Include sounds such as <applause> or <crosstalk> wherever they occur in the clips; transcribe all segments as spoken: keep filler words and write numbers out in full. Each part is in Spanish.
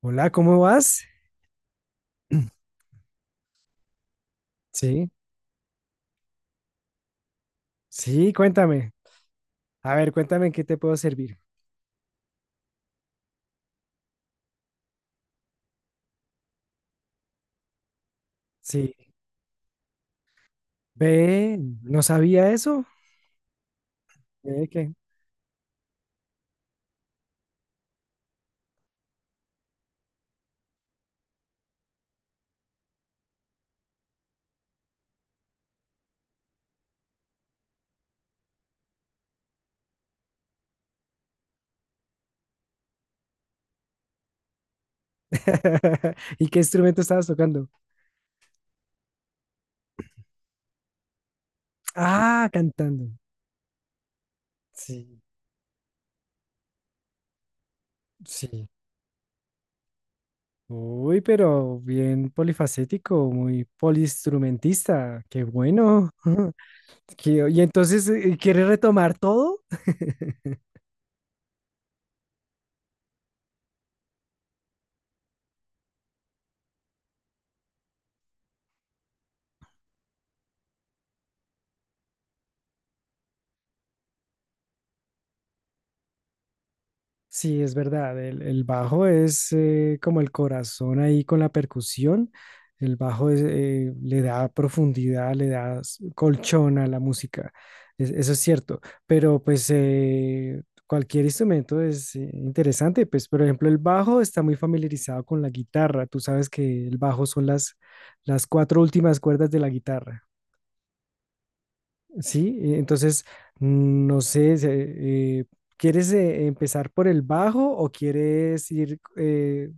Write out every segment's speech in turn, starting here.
Hola, ¿cómo vas? <clears throat> Sí, sí, cuéntame. A ver, cuéntame en qué te puedo servir. Sí, ve, no sabía eso. Ve que- <laughs> ¿Y qué instrumento estabas tocando? Ah, cantando. Sí, sí. Uy, pero bien polifacético, muy poliinstrumentista. Qué bueno. <laughs> Que- ¿Y entonces eh, quieres retomar todo? <laughs> Sí, es verdad. El, el bajo es eh, como el corazón ahí con la percusión. El bajo es, eh, le da profundidad, le da s- colchón a la música. Es- eso es cierto. Pero pues eh, cualquier instrumento es eh, interesante. Pues por ejemplo, el bajo está muy familiarizado con la guitarra. Tú sabes que el bajo son las, las cuatro últimas cuerdas de la guitarra. Sí, eh, entonces, mm, no sé, se- eh, ¿quieres eh, empezar por el bajo o quieres ir eh,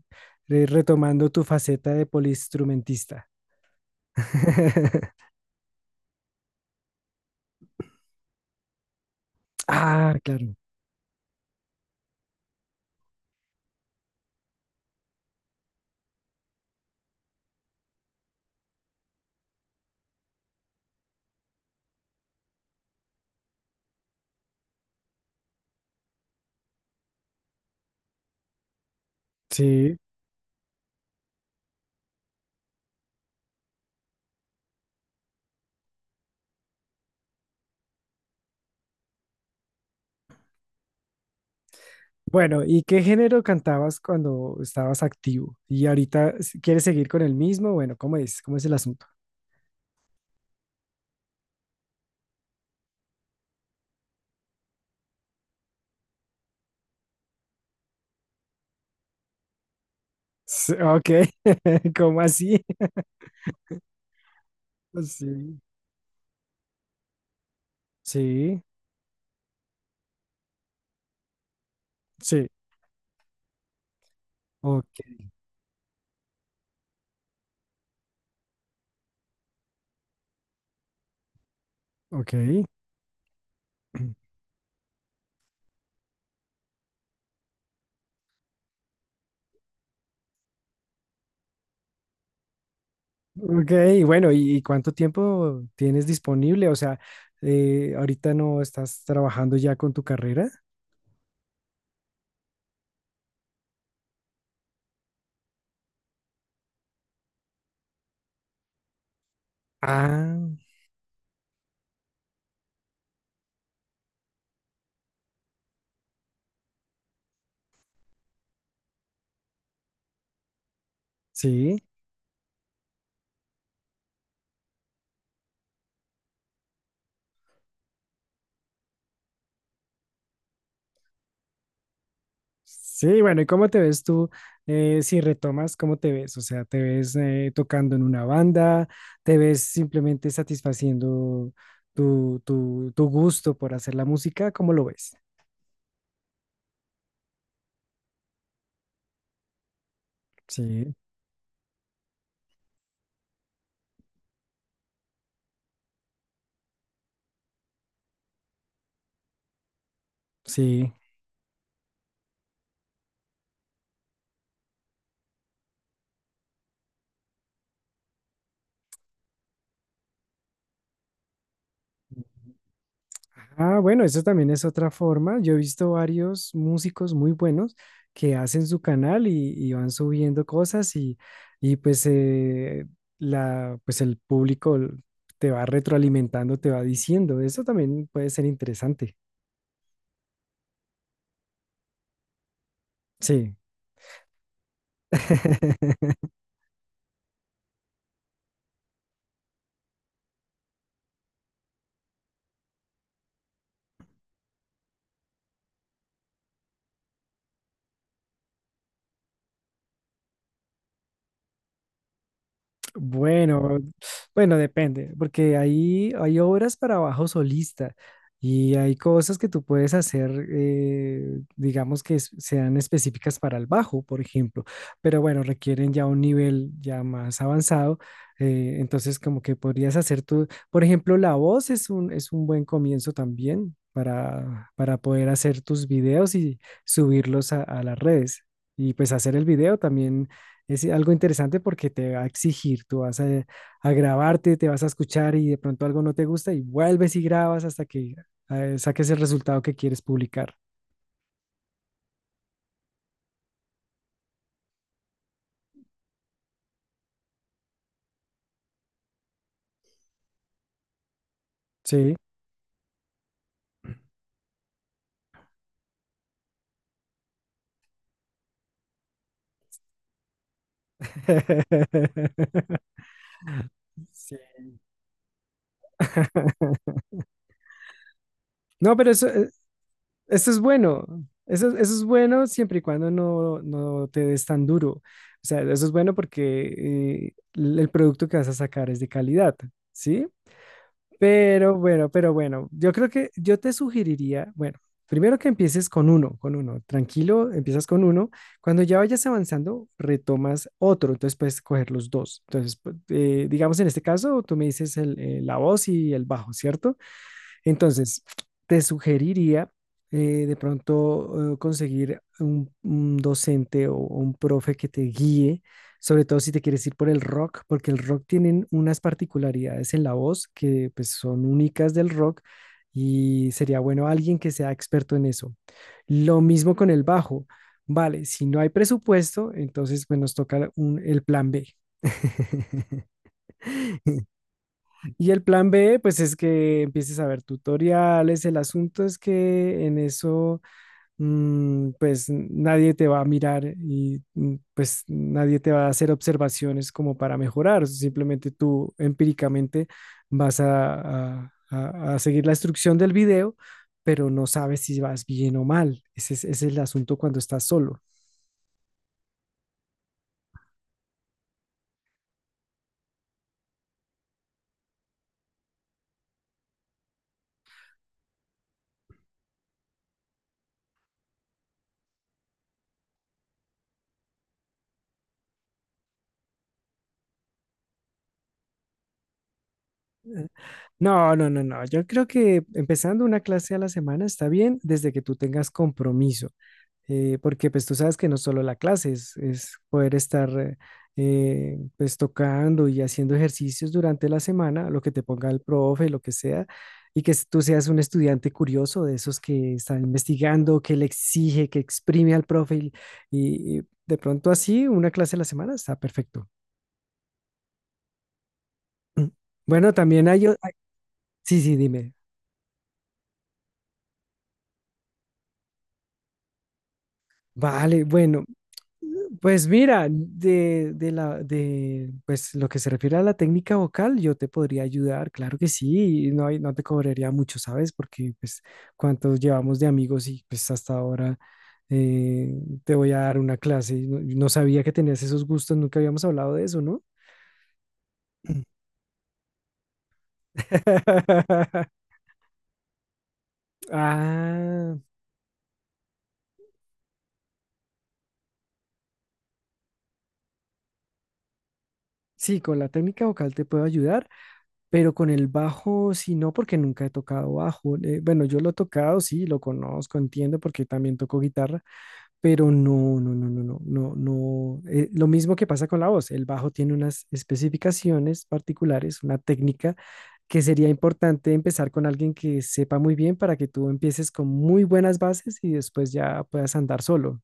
re- retomando tu faceta de poliinstrumentista? <laughs> Ah, claro. Sí. Bueno, ¿y qué género cantabas cuando estabas activo? ¿Y ahorita s- quieres seguir con el mismo? Bueno, ¿cómo es? ¿Cómo es el asunto? Sí, ok, <laughs> ¿cómo así? Sí, sí, sí. Ok, ok. Ok, bueno, ¿y cuánto tiempo tienes disponible? O sea, eh, ahorita no estás trabajando ya con tu carrera. Ah, sí. Sí, bueno, ¿y cómo te ves tú eh, si retomas? ¿Cómo te ves? O sea, ¿te ves eh, tocando en una banda? ¿Te ves simplemente satisfaciendo tu, tu, tu gusto por hacer la música? ¿Cómo lo ves? Sí, sí. Ah, bueno, eso también es otra forma. Yo he visto varios músicos muy buenos que hacen su canal y, y van subiendo cosas y, y pues, eh, la, pues el público te va retroalimentando, te va diciendo. Eso también puede ser interesante. Sí. <laughs> Bueno, bueno, depende, porque ahí hay obras para bajo solista y hay cosas que tú puedes hacer, eh, digamos que es- sean específicas para el bajo, por ejemplo, pero bueno, requieren ya un nivel ya más avanzado, eh, entonces como que podrías hacer tú, por ejemplo, la voz es un, es un buen comienzo también para, para poder hacer tus videos y subirlos a a las redes. Y pues hacer el video también es algo interesante porque te va a exigir, tú vas a, a grabarte, te vas a escuchar y de pronto algo no te gusta y vuelves y grabas hasta que eh, saques el resultado que quieres publicar. Sí. <laughs> Sí. No, pero eso, eh, eso es bueno. Eso, eso es bueno siempre y cuando no, no te des tan duro. O sea, eso es bueno porque eh, el producto que vas a sacar es de calidad, ¿sí? Pero bueno, pero bueno, yo creo que yo te sugeriría, bueno, primero que empieces con uno, con uno, tranquilo, empiezas con uno, cuando ya vayas avanzando, retomas otro, entonces puedes coger los dos. Entonces, pu- eh, digamos en este caso, tú me dices el, eh, la voz y el bajo, ¿cierto? Entonces, te sugeriría eh, de pronto eh, conseguir un, un docente o un profe que te guíe, sobre todo si te quieres ir por el rock, porque el rock tienen unas particularidades en la voz que pues, son únicas del rock y sería bueno alguien que sea experto en eso. Lo mismo con el bajo. Vale, si no hay presupuesto, entonces pues, nos toca un- el plan B. <laughs> Y el plan B, pues es que empieces a ver tutoriales. El asunto es que en eso, mm, pues nadie te va a mirar y mm, pues nadie te va a hacer observaciones como para mejorar. Simplemente tú empíricamente vas a, a- a- a seguir la instrucción del video, pero no sabes si vas bien o mal. Ese es, ese es el asunto cuando estás solo. No, no, no, no. Yo creo que empezando una clase a la semana está bien desde que tú tengas compromiso. Eh, porque pues tú sabes que no solo la clase es, es poder estar eh, pues tocando y haciendo ejercicios durante la semana, lo que te ponga el profe, lo que sea, y que tú seas un estudiante curioso de esos que está investigando, que le exige, que exprime al profe y, y y de pronto así una clase a la semana está perfecto. <clears throat> Bueno, también hay... o- hay- Sí, sí, dime. Vale, bueno, pues mira, de, de la, de, pues lo que se refiere a la técnica vocal, yo te podría ayudar, claro que sí, y no, hay- no te cobraría mucho, ¿sabes? Porque pues cuántos llevamos de amigos y pues hasta ahora eh, te voy a dar una clase. No, no sabía que tenías esos gustos, nunca habíamos hablado de eso, ¿no? <laughs> Ah, sí, con la técnica vocal te puedo ayudar. Pero con el bajo, sí, no, porque nunca he tocado bajo. Eh, bueno, yo lo he tocado, sí, lo conozco, entiendo, porque también toco guitarra, pero no, no, no, no, no, no, no. Eh, lo mismo que pasa con la voz, el bajo tiene unas especificaciones particulares, una técnica que sería importante empezar con alguien que sepa muy bien para que tú empieces con muy buenas bases y después ya puedas andar solo.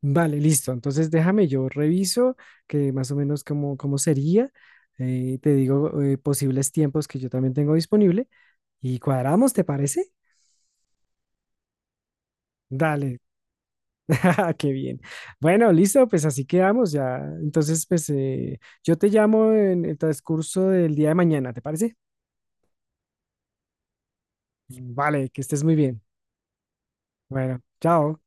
Vale, listo. Entonces déjame, yo reviso que más o menos cómo, cómo sería. Eh, te digo eh, posibles tiempos que yo también tengo disponible y cuadramos, ¿te parece? Dale, <laughs> qué bien. Bueno, listo, pues así quedamos ya. Entonces, pues eh, yo te llamo en el transcurso del día de mañana, ¿te parece? Vale, que estés muy bien. Bueno, chao.